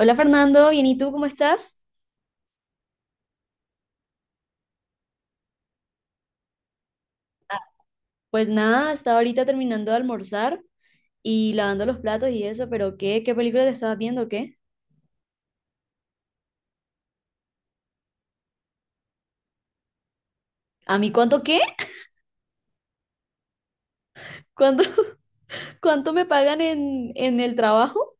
Hola Fernando, bien, ¿y tú cómo estás? Pues nada, estaba ahorita terminando de almorzar y lavando los platos y eso, pero ¿qué? ¿Qué película te estabas viendo o qué? ¿A mí cuánto qué? ¿Cuánto, cuánto me pagan en el trabajo?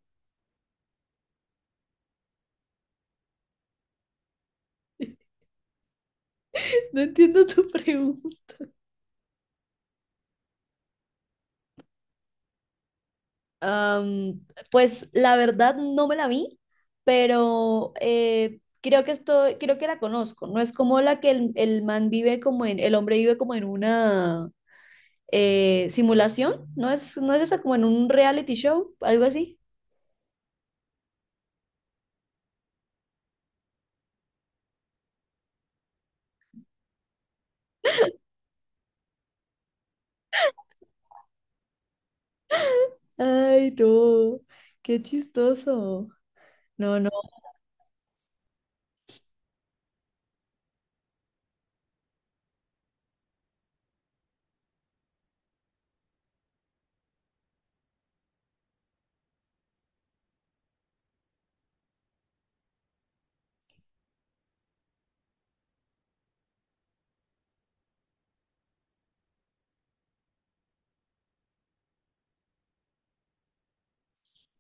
No entiendo tu pregunta. Am, pues la verdad no me la vi, pero creo que estoy, creo que la conozco. ¿No es como la que el man vive como en, el hombre vive como en una simulación, ¿no es esa como en un reality show, algo así? Ay, no, qué chistoso. No, no.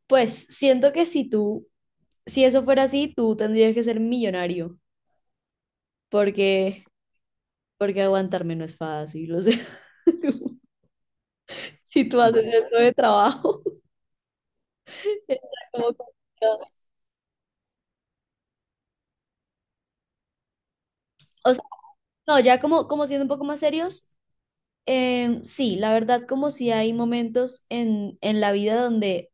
Pues siento que si tú, si eso fuera así, tú tendrías que ser millonario, porque, porque aguantarme no es fácil, o sea, si tú haces eso de trabajo, está como complicado. O sea, no, ya como, como siendo un poco más serios, sí, la verdad, como si hay momentos en la vida donde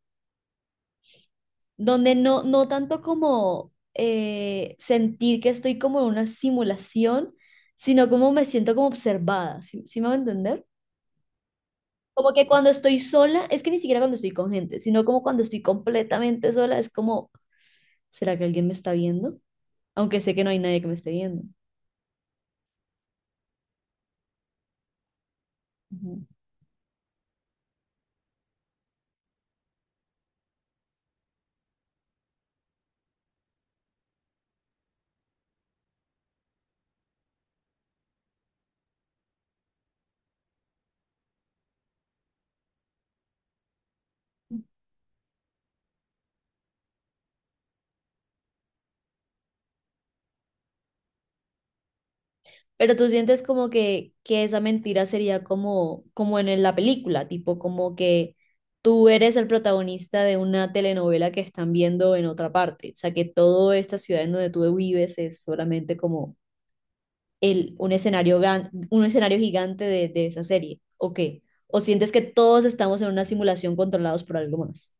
donde no tanto como sentir que estoy como en una simulación, sino como me siento como observada, ¿sí, sí me va a entender? Como que cuando estoy sola, es que ni siquiera cuando estoy con gente, sino como cuando estoy completamente sola, es como, ¿será que alguien me está viendo? Aunque sé que no hay nadie que me esté viendo. Ujú. Pero tú sientes como que esa mentira sería como, como en la película, tipo como que tú eres el protagonista de una telenovela que están viendo en otra parte. O sea, que toda esta ciudad en donde tú vives es solamente como el, un escenario gran, un escenario gigante de esa serie. ¿O qué? ¿O sientes que todos estamos en una simulación controlados por algo más?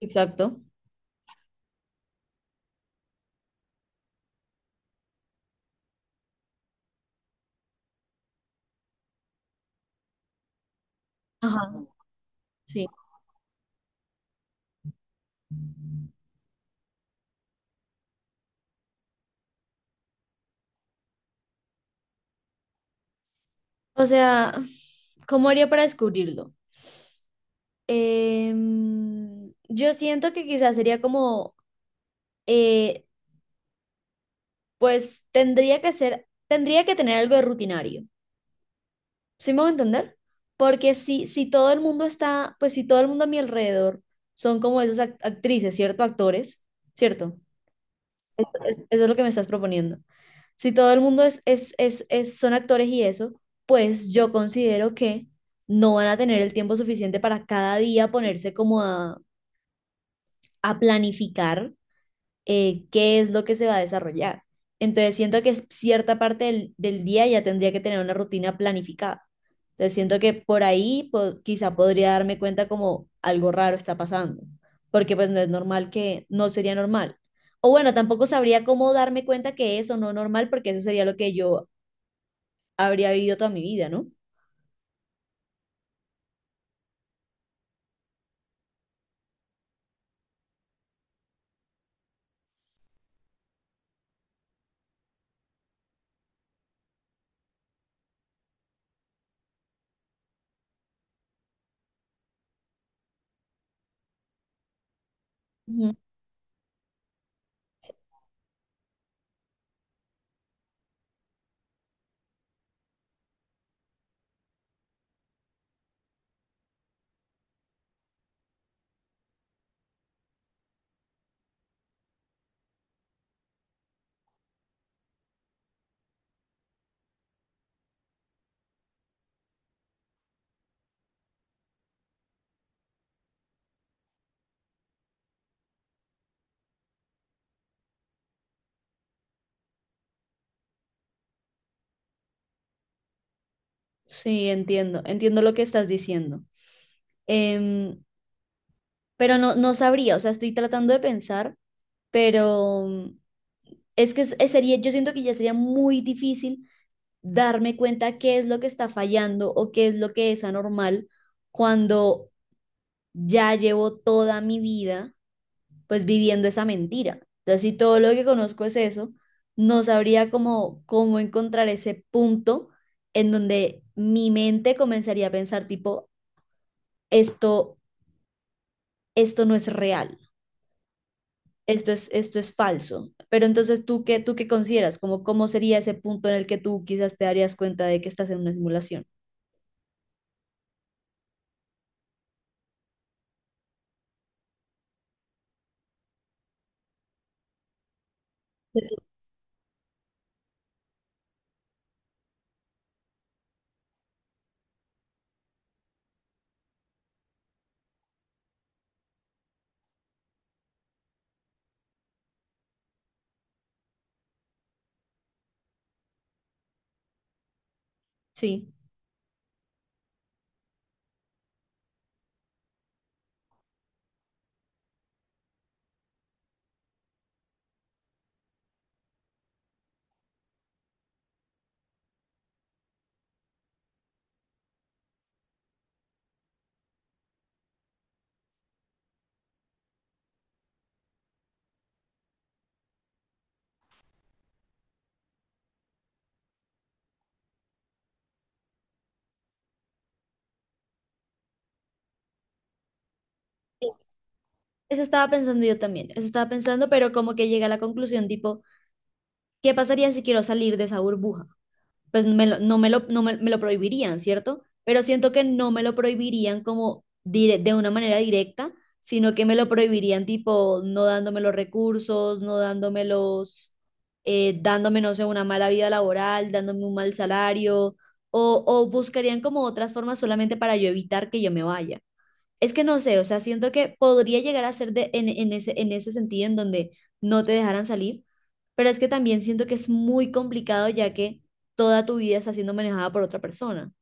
Exacto. Ajá, sí. O sea, ¿cómo haría para descubrirlo? Yo siento que quizás sería como, eh, pues tendría que ser, tendría que tener algo de rutinario. ¿Sí me voy a entender? Porque si, si todo el mundo está, pues si todo el mundo a mi alrededor son como esas actrices, ¿cierto? Actores, ¿cierto? Eso es lo que me estás proponiendo. Si todo el mundo es, son actores y eso, pues yo considero que no van a tener el tiempo suficiente para cada día ponerse como a planificar qué es lo que se va a desarrollar. Entonces siento que es cierta parte del, del día ya tendría que tener una rutina planificada. Entonces siento que por ahí quizá podría darme cuenta como algo raro está pasando, porque pues no es normal que, no sería normal. O bueno, tampoco sabría cómo darme cuenta que eso no es normal, porque eso sería lo que yo habría vivido toda mi vida, ¿no? Ujú. Sí, entiendo, entiendo lo que estás diciendo. Em, pero no, no sabría, o sea, estoy tratando de pensar, pero es que sería, yo siento que ya sería muy difícil darme cuenta qué es lo que está fallando o qué es lo que es anormal cuando ya llevo toda mi vida pues viviendo esa mentira. Entonces, si todo lo que conozco es eso, no sabría cómo, cómo encontrar ese punto en donde mi mente comenzaría a pensar tipo, esto, esto no es real, esto es falso. Pero entonces, tú qué consideras? Como, ¿cómo sería ese punto en el que tú quizás te darías cuenta de que estás en una simulación? Sí, eso estaba pensando yo también, eso estaba pensando, pero como que llegué a la conclusión tipo, ¿qué pasaría si quiero salir de esa burbuja? Pues no me lo, no me, me lo prohibirían, ¿cierto? Pero siento que no me lo prohibirían como de una manera directa, sino que me lo prohibirían tipo no dándome los recursos, no dándome los, dándome, no sé, una mala vida laboral, dándome un mal salario, o buscarían como otras formas solamente para yo evitar que yo me vaya. Es que no sé, o sea, siento que podría llegar a ser de, en ese sentido en donde no te dejaran salir, pero es que también siento que es muy complicado ya que toda tu vida está siendo manejada por otra persona.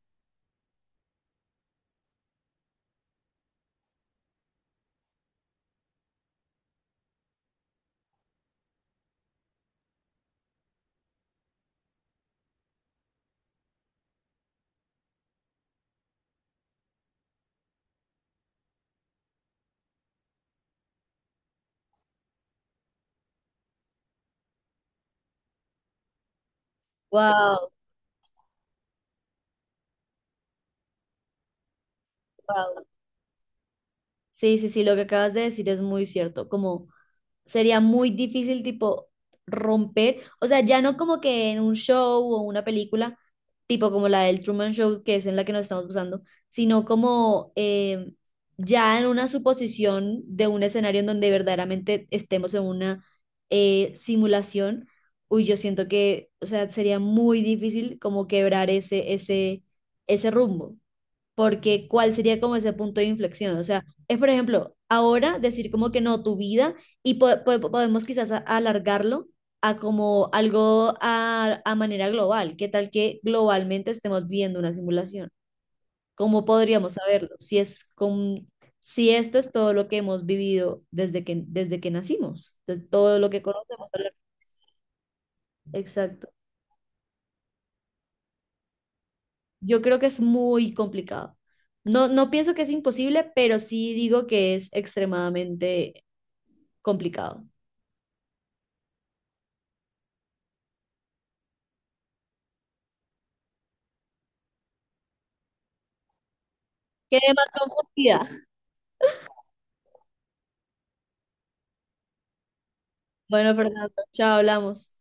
Wow, wow. Sí, sí, sí, lo que acabas de decir es muy cierto, como sería muy difícil tipo romper, o sea, ya no como que en un show o una película, tipo como la del Truman Show, que es en la que nos estamos usando, sino como ya en una suposición de un escenario en donde verdaderamente estemos en una simulación, uy, yo siento que, o sea, sería muy difícil como quebrar ese rumbo, porque cuál sería como ese punto de inflexión. O sea, es por ejemplo, ahora decir como que no, tu vida, y podemos quizás alargarlo a como algo a manera global. ¿Qué tal que globalmente estemos viendo una simulación? ¿Cómo podríamos saberlo? Si es con, si esto es todo lo que hemos vivido desde que nacimos, de todo lo que conocemos. Exacto. Yo creo que es muy complicado. No, no pienso que es imposible, pero sí digo que es extremadamente complicado. Quedé más confundida. Bueno, Fernando, chao, hablamos.